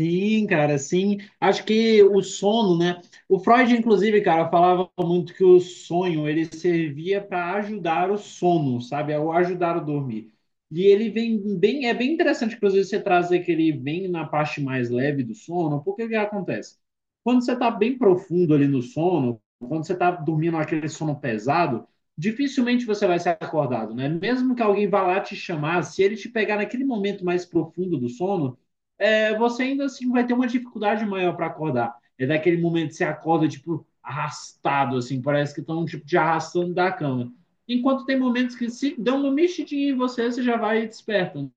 Sim, cara, sim. Acho que o sono, né? O Freud, inclusive, cara, falava muito que o sonho ele servia para ajudar o sono, sabe? Ou ajudar o dormir. E ele vem bem, bem interessante, inclusive, você trazer que ele vem na parte mais leve do sono, porque o que acontece? Quando você está bem profundo ali no sono, quando você está dormindo aquele sono pesado, dificilmente você vai ser acordado, né? Mesmo que alguém vá lá te chamar, se ele te pegar naquele momento mais profundo do sono você ainda assim vai ter uma dificuldade maior para acordar. É daquele momento que você acorda, tipo, arrastado, assim, parece que estão, tipo, te arrastando da cama. Enquanto tem momentos que se dão uma mexidinha em você, você já vai despertando,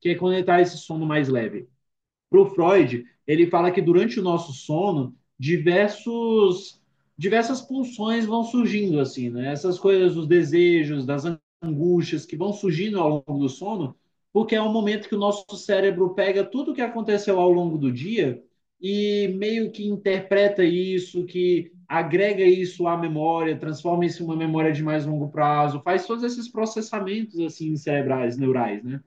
que é quando ele tá esse sono mais leve. Para o Freud, ele fala que durante o nosso sono, diversos diversas pulsões vão surgindo assim, né? Essas coisas, os desejos, das angústias que vão surgindo ao longo do sono, porque é um momento que o nosso cérebro pega tudo o que aconteceu ao longo do dia e meio que interpreta isso, que agrega isso à memória, transforma isso em uma memória de mais longo prazo, faz todos esses processamentos assim cerebrais, neurais, né?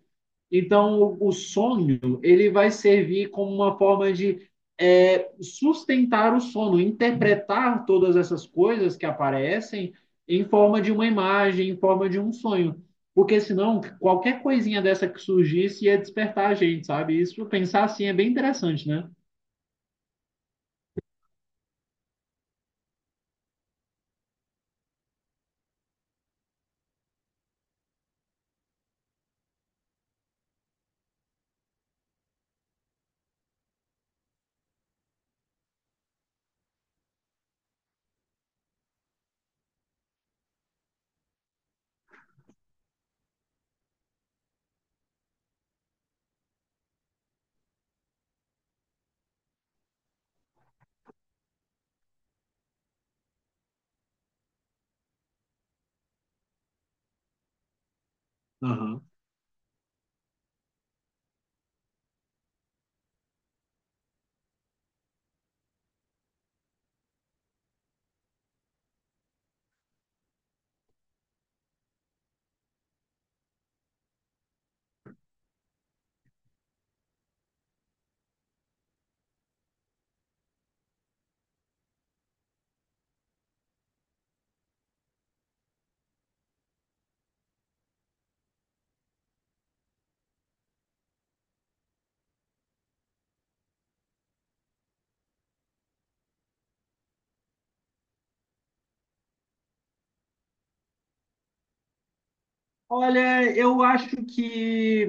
Então, o sonho ele vai servir como uma forma de sustentar o sono, interpretar todas essas coisas que aparecem em forma de uma imagem, em forma de um sonho. Porque senão, qualquer coisinha dessa que surgisse ia despertar a gente, sabe? Isso, pensar assim, é bem interessante, né? Aham. Olha, eu acho que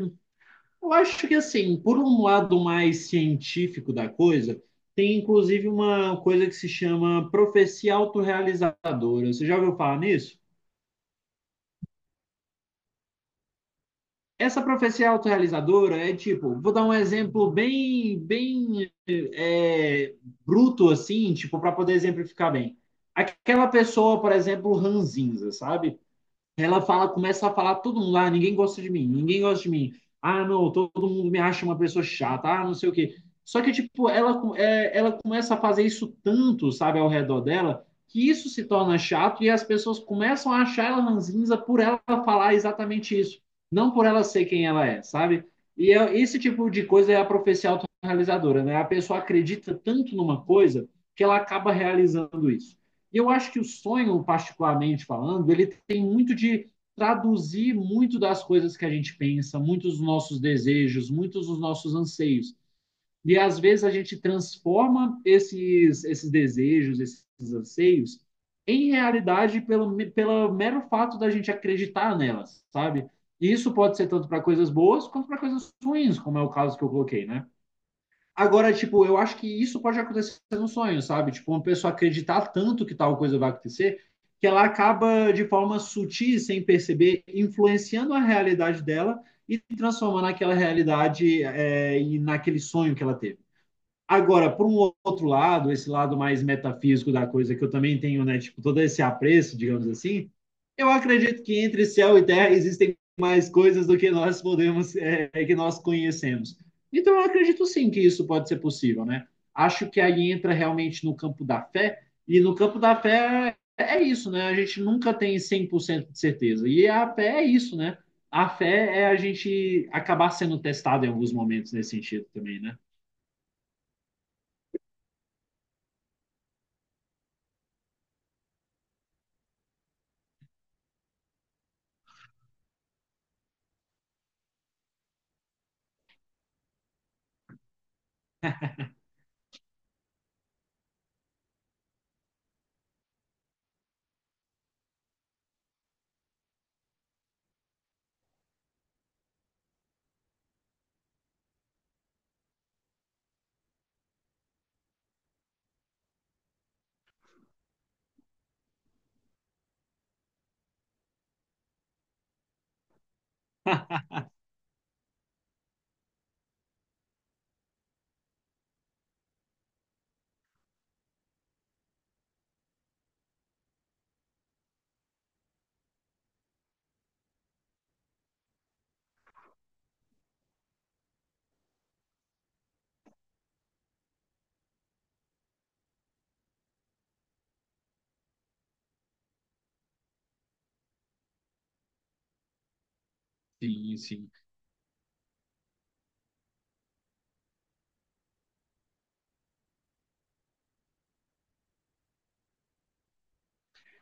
eu acho que, assim, por um lado mais científico da coisa, tem inclusive uma coisa que se chama profecia autorrealizadora. Você já ouviu falar nisso? Essa profecia autorrealizadora é tipo, vou dar um exemplo bem, bruto, assim, tipo, para poder exemplificar bem. Aquela pessoa, por exemplo, ranzinza, sabe? Ela fala, começa a falar todo mundo, ah, ninguém gosta de mim, ninguém gosta de mim. Ah, não, todo mundo me acha uma pessoa chata, ah, não sei o quê. Só que, tipo, ela começa a fazer isso tanto, sabe, ao redor dela, que isso se torna chato e as pessoas começam a achar ela ranzinza por ela falar exatamente isso, não por ela ser quem ela é, sabe? Esse tipo de coisa é a profecia autorrealizadora, né? A pessoa acredita tanto numa coisa que ela acaba realizando isso. Eu acho que o sonho, particularmente falando, ele tem muito de traduzir muito das coisas que a gente pensa, muitos dos nossos desejos, muitos dos nossos anseios. E às vezes a gente transforma esses desejos, esses anseios, em realidade pelo mero fato da gente acreditar nelas, sabe? E isso pode ser tanto para coisas boas quanto para coisas ruins, como é o caso que eu coloquei, né? Agora, tipo, eu acho que isso pode acontecer no sonho, sabe? Tipo, uma pessoa acreditar tanto que tal coisa vai acontecer que ela acaba, de forma sutil, sem perceber, influenciando a realidade dela e transformando aquela realidade e naquele sonho que ela teve. Agora, por um outro lado, esse lado mais metafísico da coisa, que eu também tenho, né, tipo, todo esse apreço, digamos assim, eu acredito que entre céu e terra existem mais coisas do que nós podemos, que nós conhecemos. Então, eu acredito sim que isso pode ser possível, né? Acho que aí entra realmente no campo da fé, e no campo da fé é isso, né? A gente nunca tem 100% de certeza. E a fé é isso, né? A fé é a gente acabar sendo testado em alguns momentos nesse sentido também, né? Sim, sim.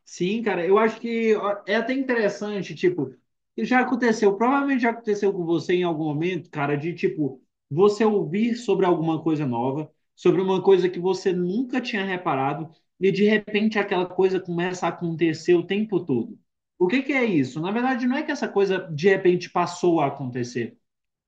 Sim, cara, eu acho que ó, é até interessante, tipo, já aconteceu, provavelmente já aconteceu com você em algum momento, cara, de tipo, você ouvir sobre alguma coisa nova, sobre uma coisa que você nunca tinha reparado, e de repente aquela coisa começa a acontecer o tempo todo. O que que é isso? Na verdade, não é que essa coisa de repente passou a acontecer.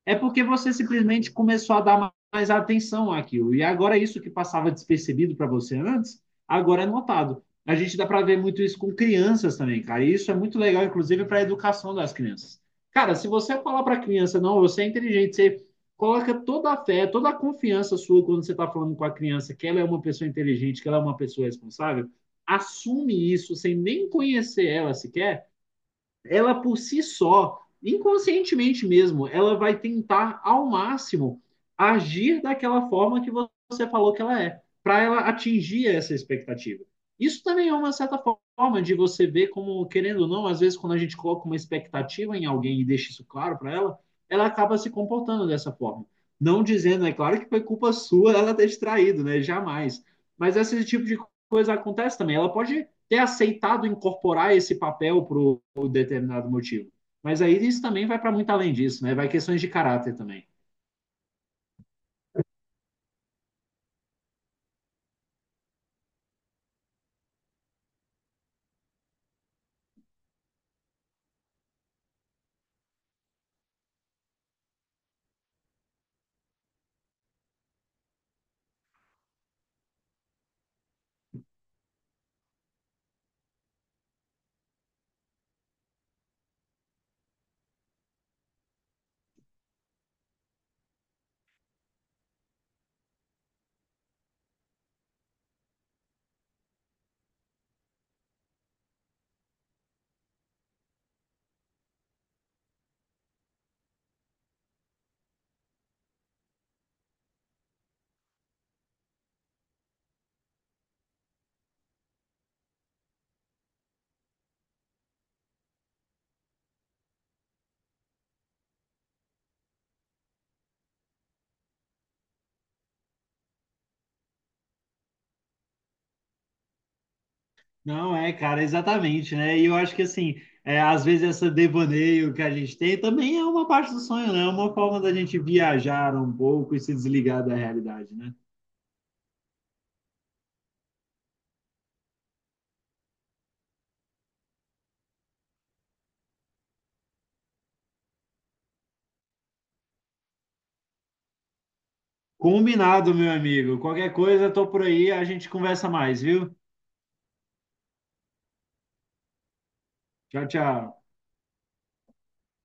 É porque você simplesmente começou a dar mais atenção àquilo. E agora é isso que passava despercebido para você antes, agora é notado. A gente dá para ver muito isso com crianças também, cara. E isso é muito legal, inclusive, para a educação das crianças. Cara, se você falar para a criança, não, você é inteligente, você coloca toda a fé, toda a confiança sua quando você está falando com a criança que ela é uma pessoa inteligente, que ela é uma pessoa responsável, assume isso sem nem conhecer ela sequer ela por si só, inconscientemente mesmo, ela vai tentar ao máximo agir daquela forma que você falou que ela é, para ela atingir essa expectativa. Isso também é uma certa forma de você ver como, querendo ou não, às vezes quando a gente coloca uma expectativa em alguém e deixa isso claro para ela, ela acaba se comportando dessa forma. Não dizendo, é claro que foi culpa sua ela ter distraído, né? Jamais. Mas esse tipo de coisa acontece também. Ela pode ter aceitado incorporar esse papel por um determinado motivo. Mas aí isso também vai para muito além disso, né? Vai questões de caráter também. Não, cara, exatamente, né? E eu acho que, assim, às vezes essa devaneio que a gente tem também é uma parte do sonho, né? É uma forma da gente viajar um pouco e se desligar da realidade, né? Combinado, meu amigo. Qualquer coisa, eu tô por aí, a gente conversa mais, viu? Tchau, tchau.